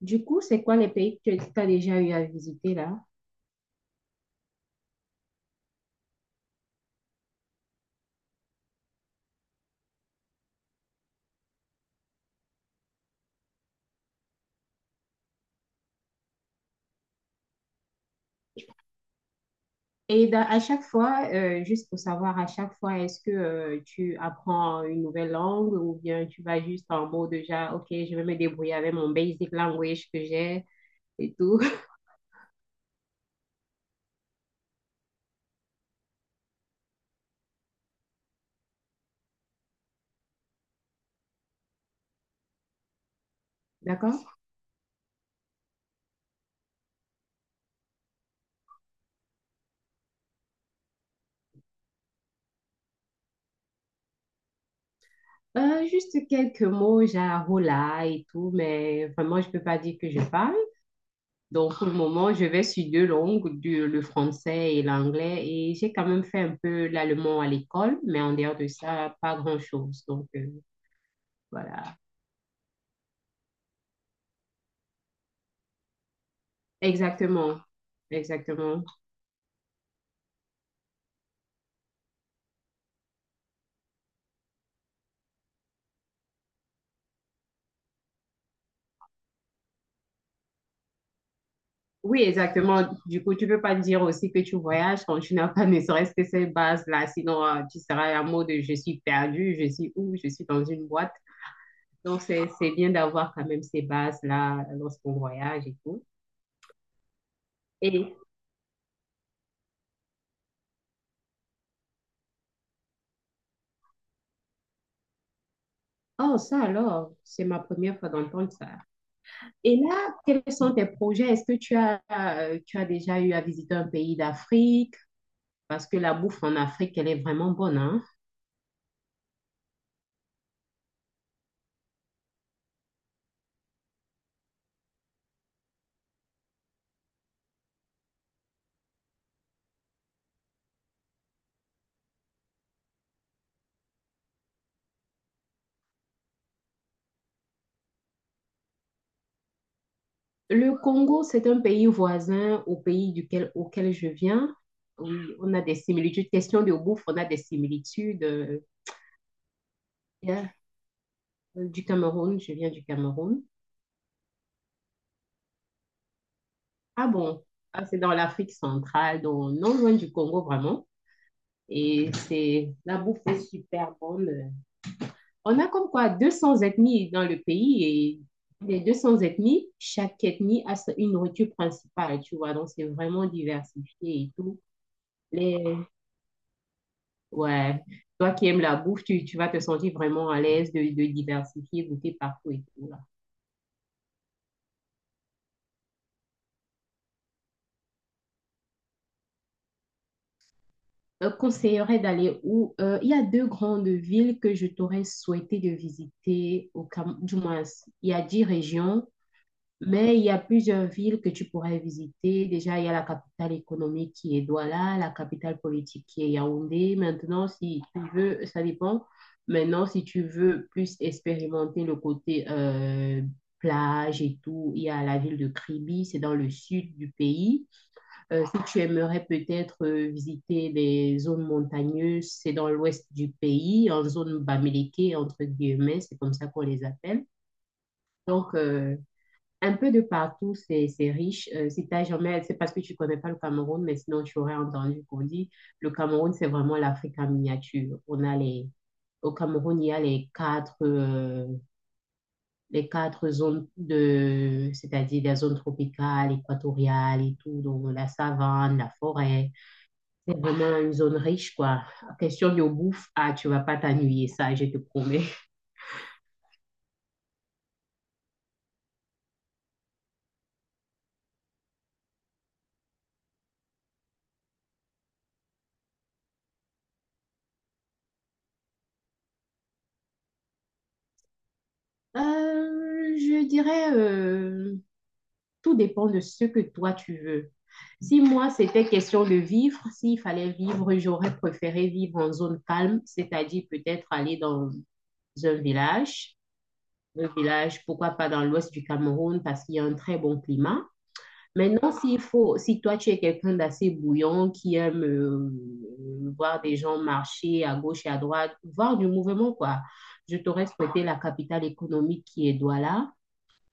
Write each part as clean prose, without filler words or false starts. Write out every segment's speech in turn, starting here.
Du coup, c'est quoi les pays que tu as déjà eu à visiter là? À chaque fois, juste pour savoir, à chaque fois, est-ce que tu apprends une nouvelle langue ou bien tu vas juste en mode déjà, OK, je vais me débrouiller avec mon basic language que j'ai et tout? D'accord? Juste quelques mots, genre hola et tout, mais vraiment, je ne peux pas dire que je parle. Donc, pour le moment, je vais sur deux langues, le français et l'anglais, et j'ai quand même fait un peu l'allemand à l'école, mais en dehors de ça, pas grand-chose. Voilà. Exactement. Exactement. Oui, exactement. Du coup, tu peux pas dire aussi que tu voyages quand tu n'as pas ne serait-ce que ces bases-là, sinon tu seras à mot de je suis perdu, je suis où, je suis dans une boîte. Donc, c'est bien d'avoir quand même ces bases-là lorsqu'on voyage et tout. Et, oh, ça alors, c'est ma première fois d'entendre ça. Et là, quels sont tes projets? Est-ce que tu as déjà eu à visiter un pays d'Afrique? Parce que la bouffe en Afrique, elle est vraiment bonne, hein? Le Congo, c'est un pays voisin au pays auquel je viens. Oui, on a des similitudes. Question de bouffe, on a des similitudes. Yeah. Du Cameroun, je viens du Cameroun. Ah bon? Ah, c'est dans l'Afrique centrale, donc non loin du Congo vraiment. Et c'est la bouffe est super bonne. On a comme quoi 200 ethnies dans le pays et les 200 ethnies, chaque ethnie a une nourriture principale, tu vois. Donc c'est vraiment diversifié et tout. Les... Ouais, toi qui aimes la bouffe, tu vas te sentir vraiment à l'aise de diversifier, goûter partout et tout conseillerais d'aller où? Il y a deux grandes villes que je t'aurais souhaité de visiter au Cam... Du moins, il y a 10 régions, mais il y a plusieurs villes que tu pourrais visiter. Déjà, il y a la capitale économique qui est Douala, la capitale politique qui est Yaoundé. Maintenant, si tu veux, ça dépend. Maintenant, si tu veux plus expérimenter le côté plage et tout, il y a la ville de Kribi, c'est dans le sud du pays. Si tu aimerais peut-être visiter les zones montagneuses, c'est dans l'ouest du pays, en zone Bamileke, entre guillemets, c'est comme ça qu'on les appelle. Donc, euh, un peu de partout, c'est riche. Si t'as jamais, c'est parce que tu connais pas le Cameroun, mais sinon tu aurais entendu qu'on dit le Cameroun, c'est vraiment l'Afrique en miniature. Au Cameroun, il y a les quatre zones de, c'est-à-dire la zone tropicale, équatoriale et tout, donc la savane, la forêt. C'est vraiment une zone riche, quoi. Question de bouffe, ah, tu vas pas t'ennuyer, ça, je te promets. Euh, je dirais, euh, Tout dépend de ce que toi tu veux. Si moi, c'était question de vivre, s'il fallait vivre, j'aurais préféré vivre en zone calme, c'est-à-dire peut-être aller dans un village. Un village, pourquoi pas dans l'ouest du Cameroun, parce qu'il y a un très bon climat. Maintenant, s'il faut, si toi tu es quelqu'un d'assez bouillant, qui aime voir des gens marcher à gauche et à droite, voir du mouvement, quoi, je t'aurais souhaité la capitale économique qui est Douala.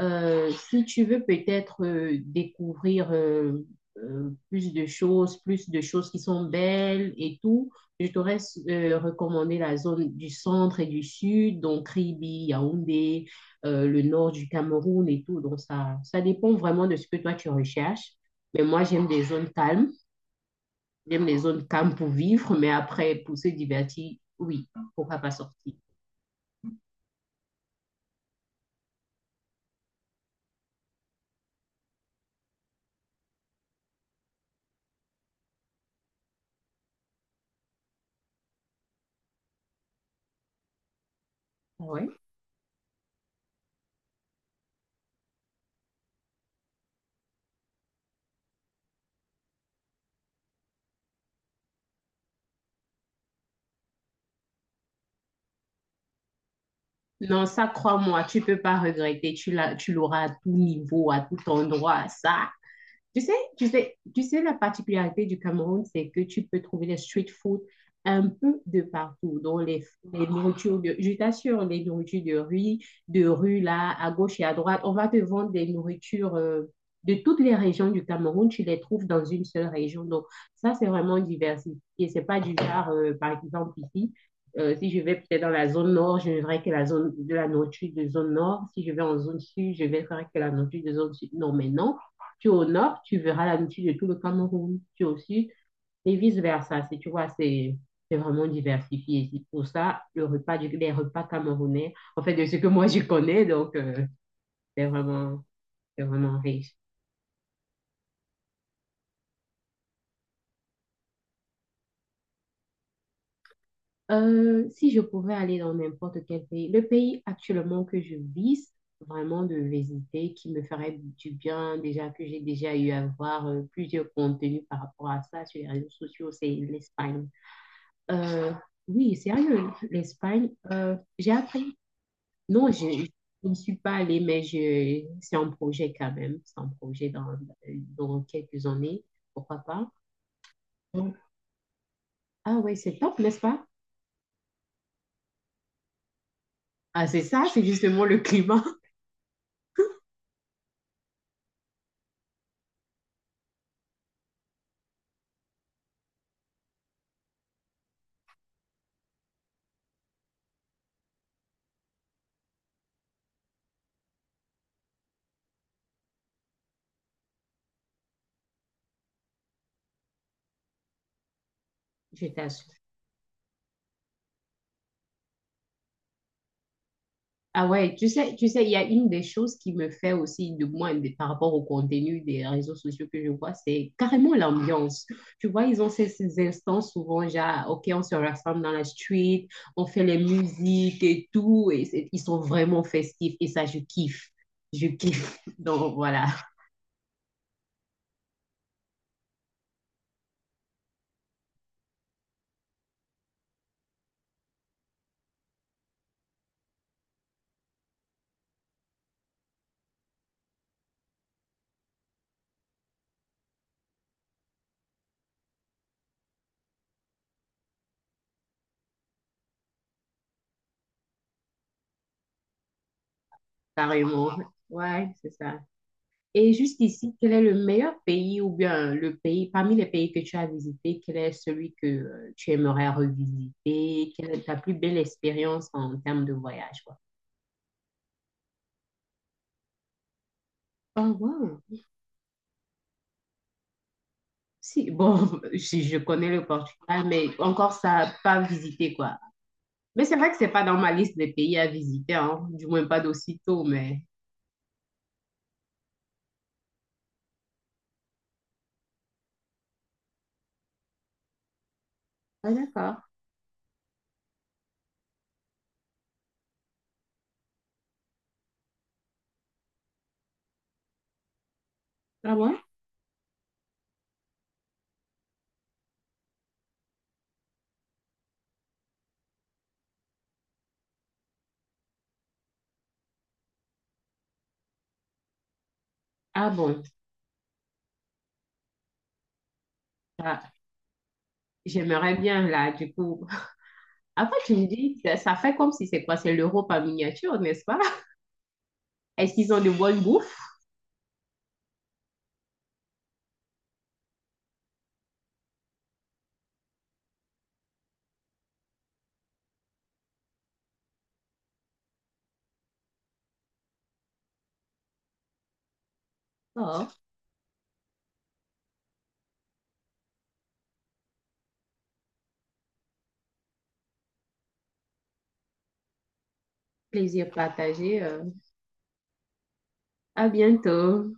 Si tu veux peut-être découvrir plus de choses qui sont belles et tout, je t'aurais recommandé la zone du centre et du sud, donc Kribi, Yaoundé, le nord du Cameroun et tout. Donc ça dépend vraiment de ce que toi tu recherches. Mais moi, j'aime les zones calmes pour vivre, mais après, pour se divertir, oui, pourquoi pas sortir? Oui. Non, ça, crois-moi, tu peux pas regretter. Tu l'as, tu l'auras à tout niveau, à tout endroit. Ça, tu sais, la particularité du Cameroun, c'est que tu peux trouver les street food un peu de partout. Les nourritures de, je t'assure, les de rue là, à gauche et à droite, on va te vendre des nourritures de toutes les régions du Cameroun. Tu les trouves dans une seule région. Donc, ça, c'est vraiment diversifié. C'est pas du genre, par exemple, ici. Si je vais peut-être dans la zone nord, je ne verrai que la zone de la nourriture de zone nord. Si je vais en zone sud, je ne verrai que la nourriture de zone sud. Non, mais non. Tu es au nord, tu verras l'amitié de tout le Cameroun. Tu es au sud et vice-versa. Tu vois, c'est vraiment diversifié. C'est pour ça, les repas camerounais, en fait, de ce que moi je connais, c'est vraiment, c'est vraiment riche. Si je pouvais aller dans n'importe quel pays, le pays actuellement que je vise vraiment de visiter, qui me ferait du bien, déjà que j'ai déjà eu à voir plusieurs contenus par rapport à ça sur les réseaux sociaux, c'est l'Espagne. Euh, oui, sérieux, l'Espagne, j'ai appris. Non, je ne suis pas allée, mais je, c'est un projet quand même. C'est un projet dans quelques années, pourquoi pas. Donc, ah oui, c'est top, n'est-ce pas? Ah, c'est ça, c'est justement le climat. Je t'assure. Ah ouais, tu sais, il y a une des choses qui me fait aussi, du moins par rapport au contenu des réseaux sociaux que je vois, c'est carrément l'ambiance. Tu vois, ces instants souvent, genre, OK, on se rassemble dans la street, on fait les musiques et tout, et ils sont vraiment festifs, et ça, je kiffe. Je kiffe. Donc voilà, carrément. Ouais, c'est ça. Et jusqu'ici, quel est le meilleur pays ou bien le pays, parmi les pays que tu as visités, quel est celui que tu aimerais revisiter? Quelle est ta plus belle expérience en termes de voyage, quoi? Oh, wow. Si, bon, si je connais le Portugal, mais encore ça, pas visité, quoi. Mais c'est vrai que c'est pas dans ma liste des pays à visiter, hein, du moins pas d'aussitôt, mais... Ah, d'accord. Ah bon? Ah bon, ça, j'aimerais bien, là, du coup. Après, tu me dis, ça fait comme si c'est quoi? C'est l'Europe en miniature, n'est-ce pas? Est-ce qu'ils ont de bonnes bouffes? Oh, plaisir partagé. À bientôt.